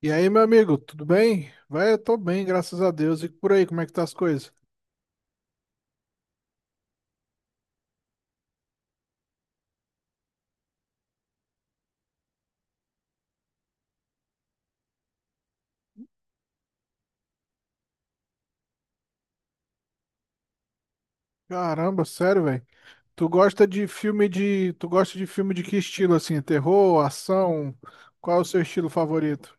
E aí, meu amigo, tudo bem? Vai, eu tô bem, graças a Deus. E por aí, como é que tá as coisas? Caramba, sério, velho. Tu gosta de filme de que estilo assim? Terror, ação? Qual é o seu estilo favorito?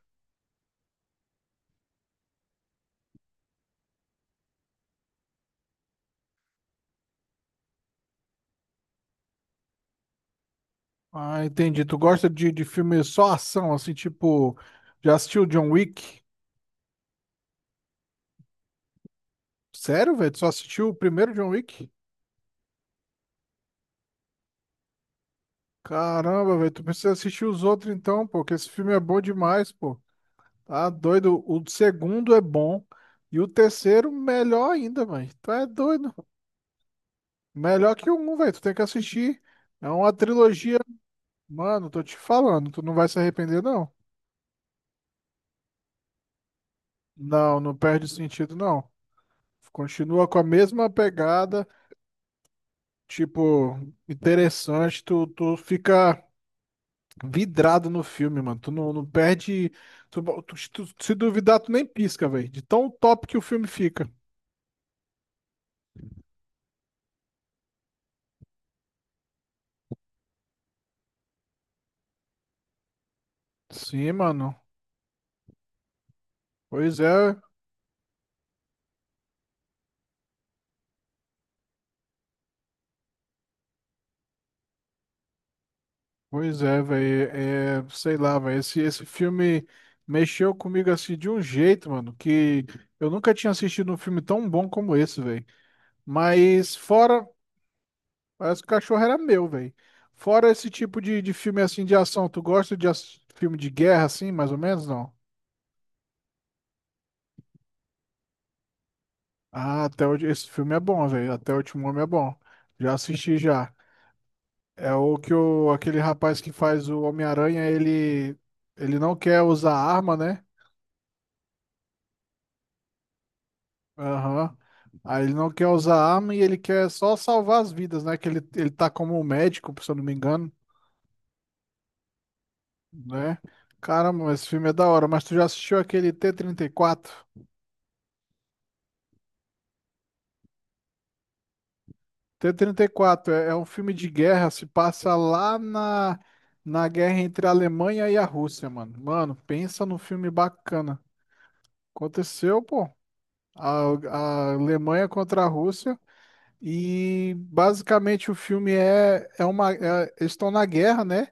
Ah, entendi. Tu gosta de filme só ação, assim, tipo, já assistiu John Wick? Sério, velho? Tu só assistiu o primeiro John Wick? Caramba, velho, tu precisa assistir os outros então, pô, porque esse filme é bom demais, pô. Tá doido? O segundo é bom. E o terceiro, melhor ainda, mano. Tu é doido. Melhor que o um, velho. Tu tem que assistir. É uma trilogia. Mano, tô te falando. Tu não vai se arrepender, não. Não, não perde sentido, não. Continua com a mesma pegada. Tipo, interessante. Tu fica vidrado no filme, mano. Tu não perde. Se duvidar, tu nem pisca, velho. De tão top que o filme fica. Sim, mano. Pois é. Pois é, velho, sei lá, velho, esse filme mexeu comigo assim de um jeito, mano, que eu nunca tinha assistido um filme tão bom como esse, velho. Mas fora, parece que o cachorro era meu, velho. Fora esse tipo de filme assim de ação, tu gosta de filme de guerra assim, mais ou menos, não? Ah, esse filme é bom, velho, Até o Último Homem é bom. Já assisti já. É o que aquele rapaz que faz o Homem-Aranha, ele não quer usar arma, né? Aham. Aí ele não quer usar arma e ele quer só salvar as vidas, né? Que ele tá como um médico, se eu não me engano, né? Caramba, esse filme é da hora. Mas tu já assistiu aquele t 34? T-34 34 é um filme de guerra, se passa lá na guerra entre a Alemanha e a Rússia, mano. Mano, pensa num filme bacana. Aconteceu, pô. A, a Alemanha contra a Rússia. E basicamente o filme eles estão na guerra, né?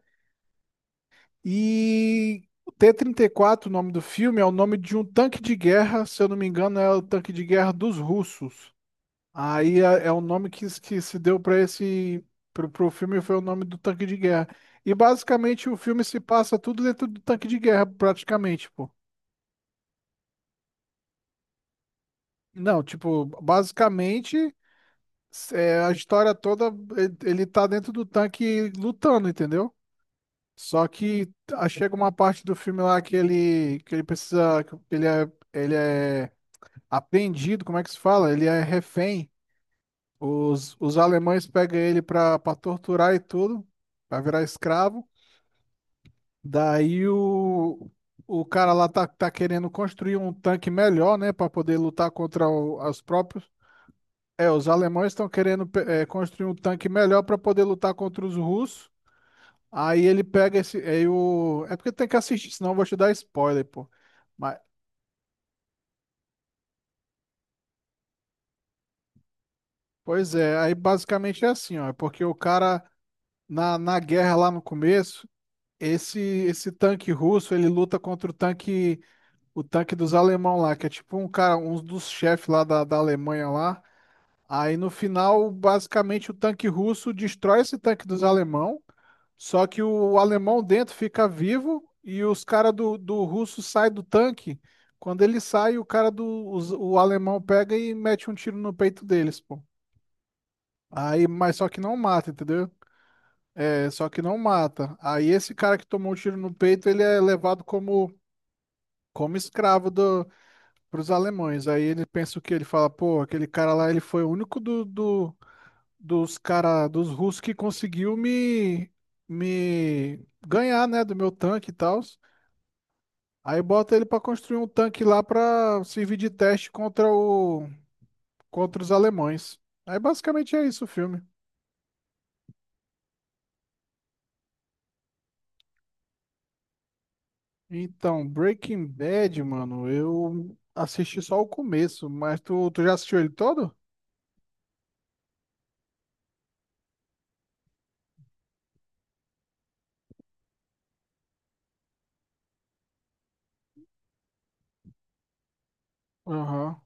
E o T-34, o nome do filme, é o nome de um tanque de guerra, se eu não me engano, é o tanque de guerra dos russos. Aí é o nome que se deu para pro filme foi o nome do tanque de guerra. E basicamente o filme se passa tudo dentro do tanque de guerra, praticamente, pô. Não, tipo, basicamente a história toda ele tá dentro do tanque lutando, entendeu? Só que chega uma parte do filme lá que ele precisa, ele é apreendido, como é que se fala? Ele é refém. Os alemães pegam ele pra torturar e tudo, pra virar escravo. Daí o cara lá tá querendo construir um tanque melhor, né, pra poder lutar contra os próprios. É, os alemães estão querendo construir um tanque melhor pra poder lutar contra os russos. Aí ele pega esse. É porque tem que assistir, senão eu vou te dar spoiler, pô. Mas, Pois é, aí basicamente é assim, ó. É porque o cara, na guerra lá no começo, esse tanque russo, ele luta contra o tanque dos alemão lá, que é tipo um cara, um dos chefes lá da Alemanha lá. Aí no final, basicamente, o tanque russo destrói esse tanque dos alemão, só que o alemão dentro fica vivo e os caras do russo saem do tanque. Quando ele sai, o cara o alemão pega e mete um tiro no peito deles, pô. Aí, mas só que não mata, entendeu? É, só que não mata. Aí esse cara que tomou um tiro no peito, ele é levado como escravo pros alemães. Aí ele pensa o quê? Ele fala, pô, aquele cara lá, ele foi o único dos russos que conseguiu me ganhar, né, do meu tanque e tal. Aí bota ele pra construir um tanque lá pra servir de teste contra os alemães. Aí basicamente é isso o filme. Então, Breaking Bad, mano, eu assisti só o começo, mas tu já assistiu ele todo? Aham.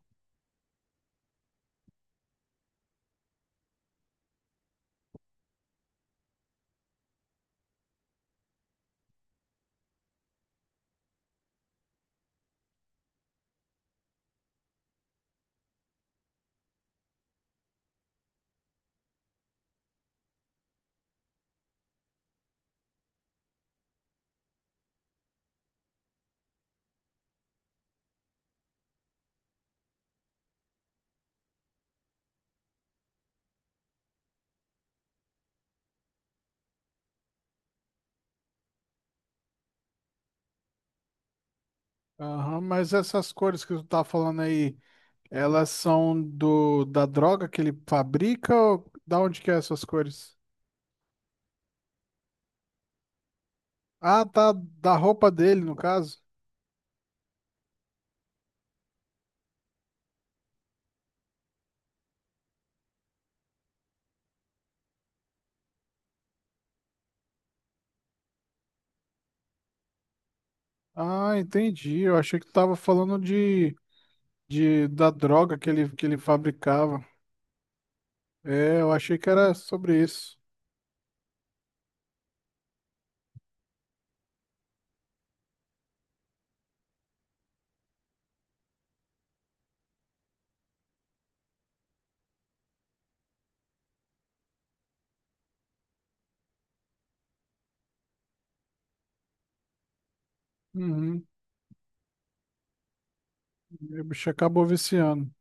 Aham, mas essas cores que tu tá falando aí, elas são do da droga que ele fabrica ou da onde que é essas cores? Ah, tá da roupa dele, no caso. Ah, entendi. Eu achei que tu tava falando de da droga que ele fabricava. É, eu achei que era sobre isso. Uhum. E o bicho acabou viciando.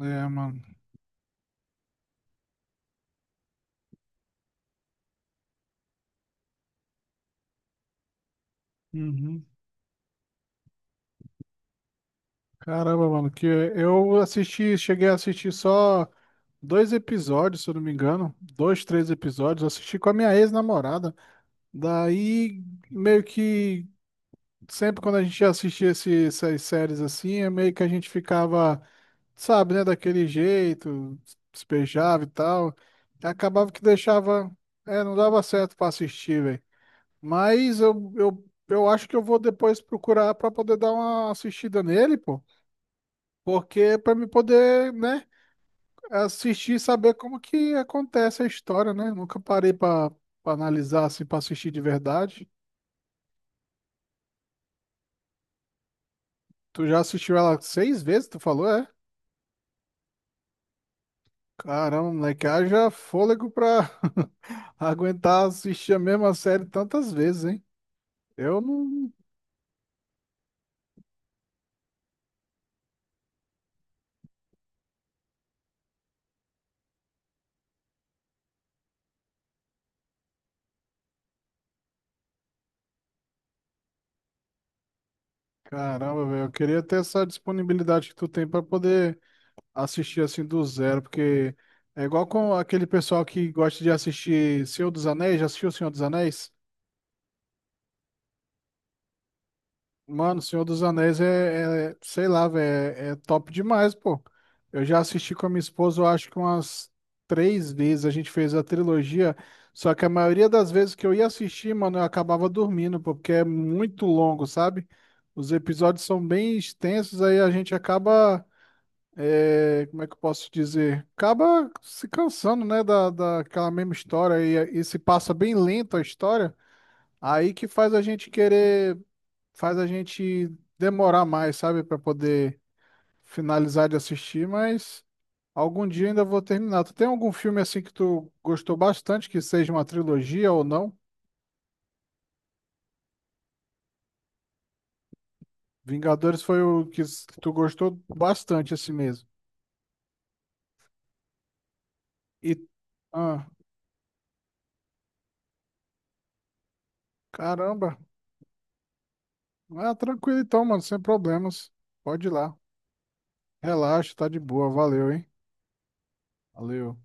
É, mano. Uhum. Caramba, mano, que eu assisti, cheguei a assistir só dois episódios, se eu não me engano, dois, três episódios. Eu assisti com a minha ex-namorada. Daí, meio que sempre quando a gente ia assistir essas séries assim, é meio que a gente ficava sabe, né, daquele jeito, despejava e tal. Acabava que deixava, não dava certo pra assistir, velho. Mas eu acho que eu vou depois procurar pra poder dar uma assistida nele, pô. Porque é pra me poder, né, assistir e saber como que acontece a história, né? Nunca parei pra analisar assim, pra assistir de verdade. Tu já assistiu ela seis vezes, tu falou, é? Caramba, moleque, haja fôlego pra aguentar assistir a mesma série tantas vezes, hein? Eu não. Caramba, velho, eu queria ter essa disponibilidade que tu tem pra poder assistir assim do zero, porque é igual com aquele pessoal que gosta de assistir Senhor dos Anéis, já assistiu o Senhor dos Anéis? Mano, Senhor dos Anéis sei lá, velho, é top demais, pô. Eu já assisti com a minha esposa, eu acho que umas três vezes a gente fez a trilogia, só que a maioria das vezes que eu ia assistir, mano, eu acabava dormindo, pô, porque é muito longo, sabe? Os episódios são bem extensos, aí a gente acaba, como é que eu posso dizer? Acaba se cansando, né, daquela mesma história e se passa bem lento a história, aí que faz a gente demorar mais, sabe, pra poder finalizar de assistir, mas algum dia ainda vou terminar. Tu tem algum filme assim que tu gostou bastante, que seja uma trilogia ou não? Vingadores foi o que que tu gostou bastante assim mesmo. E ah, Caramba. Ah, tranquilo então, mano, sem problemas. Pode ir lá. Relaxa, tá de boa. Valeu, hein? Valeu.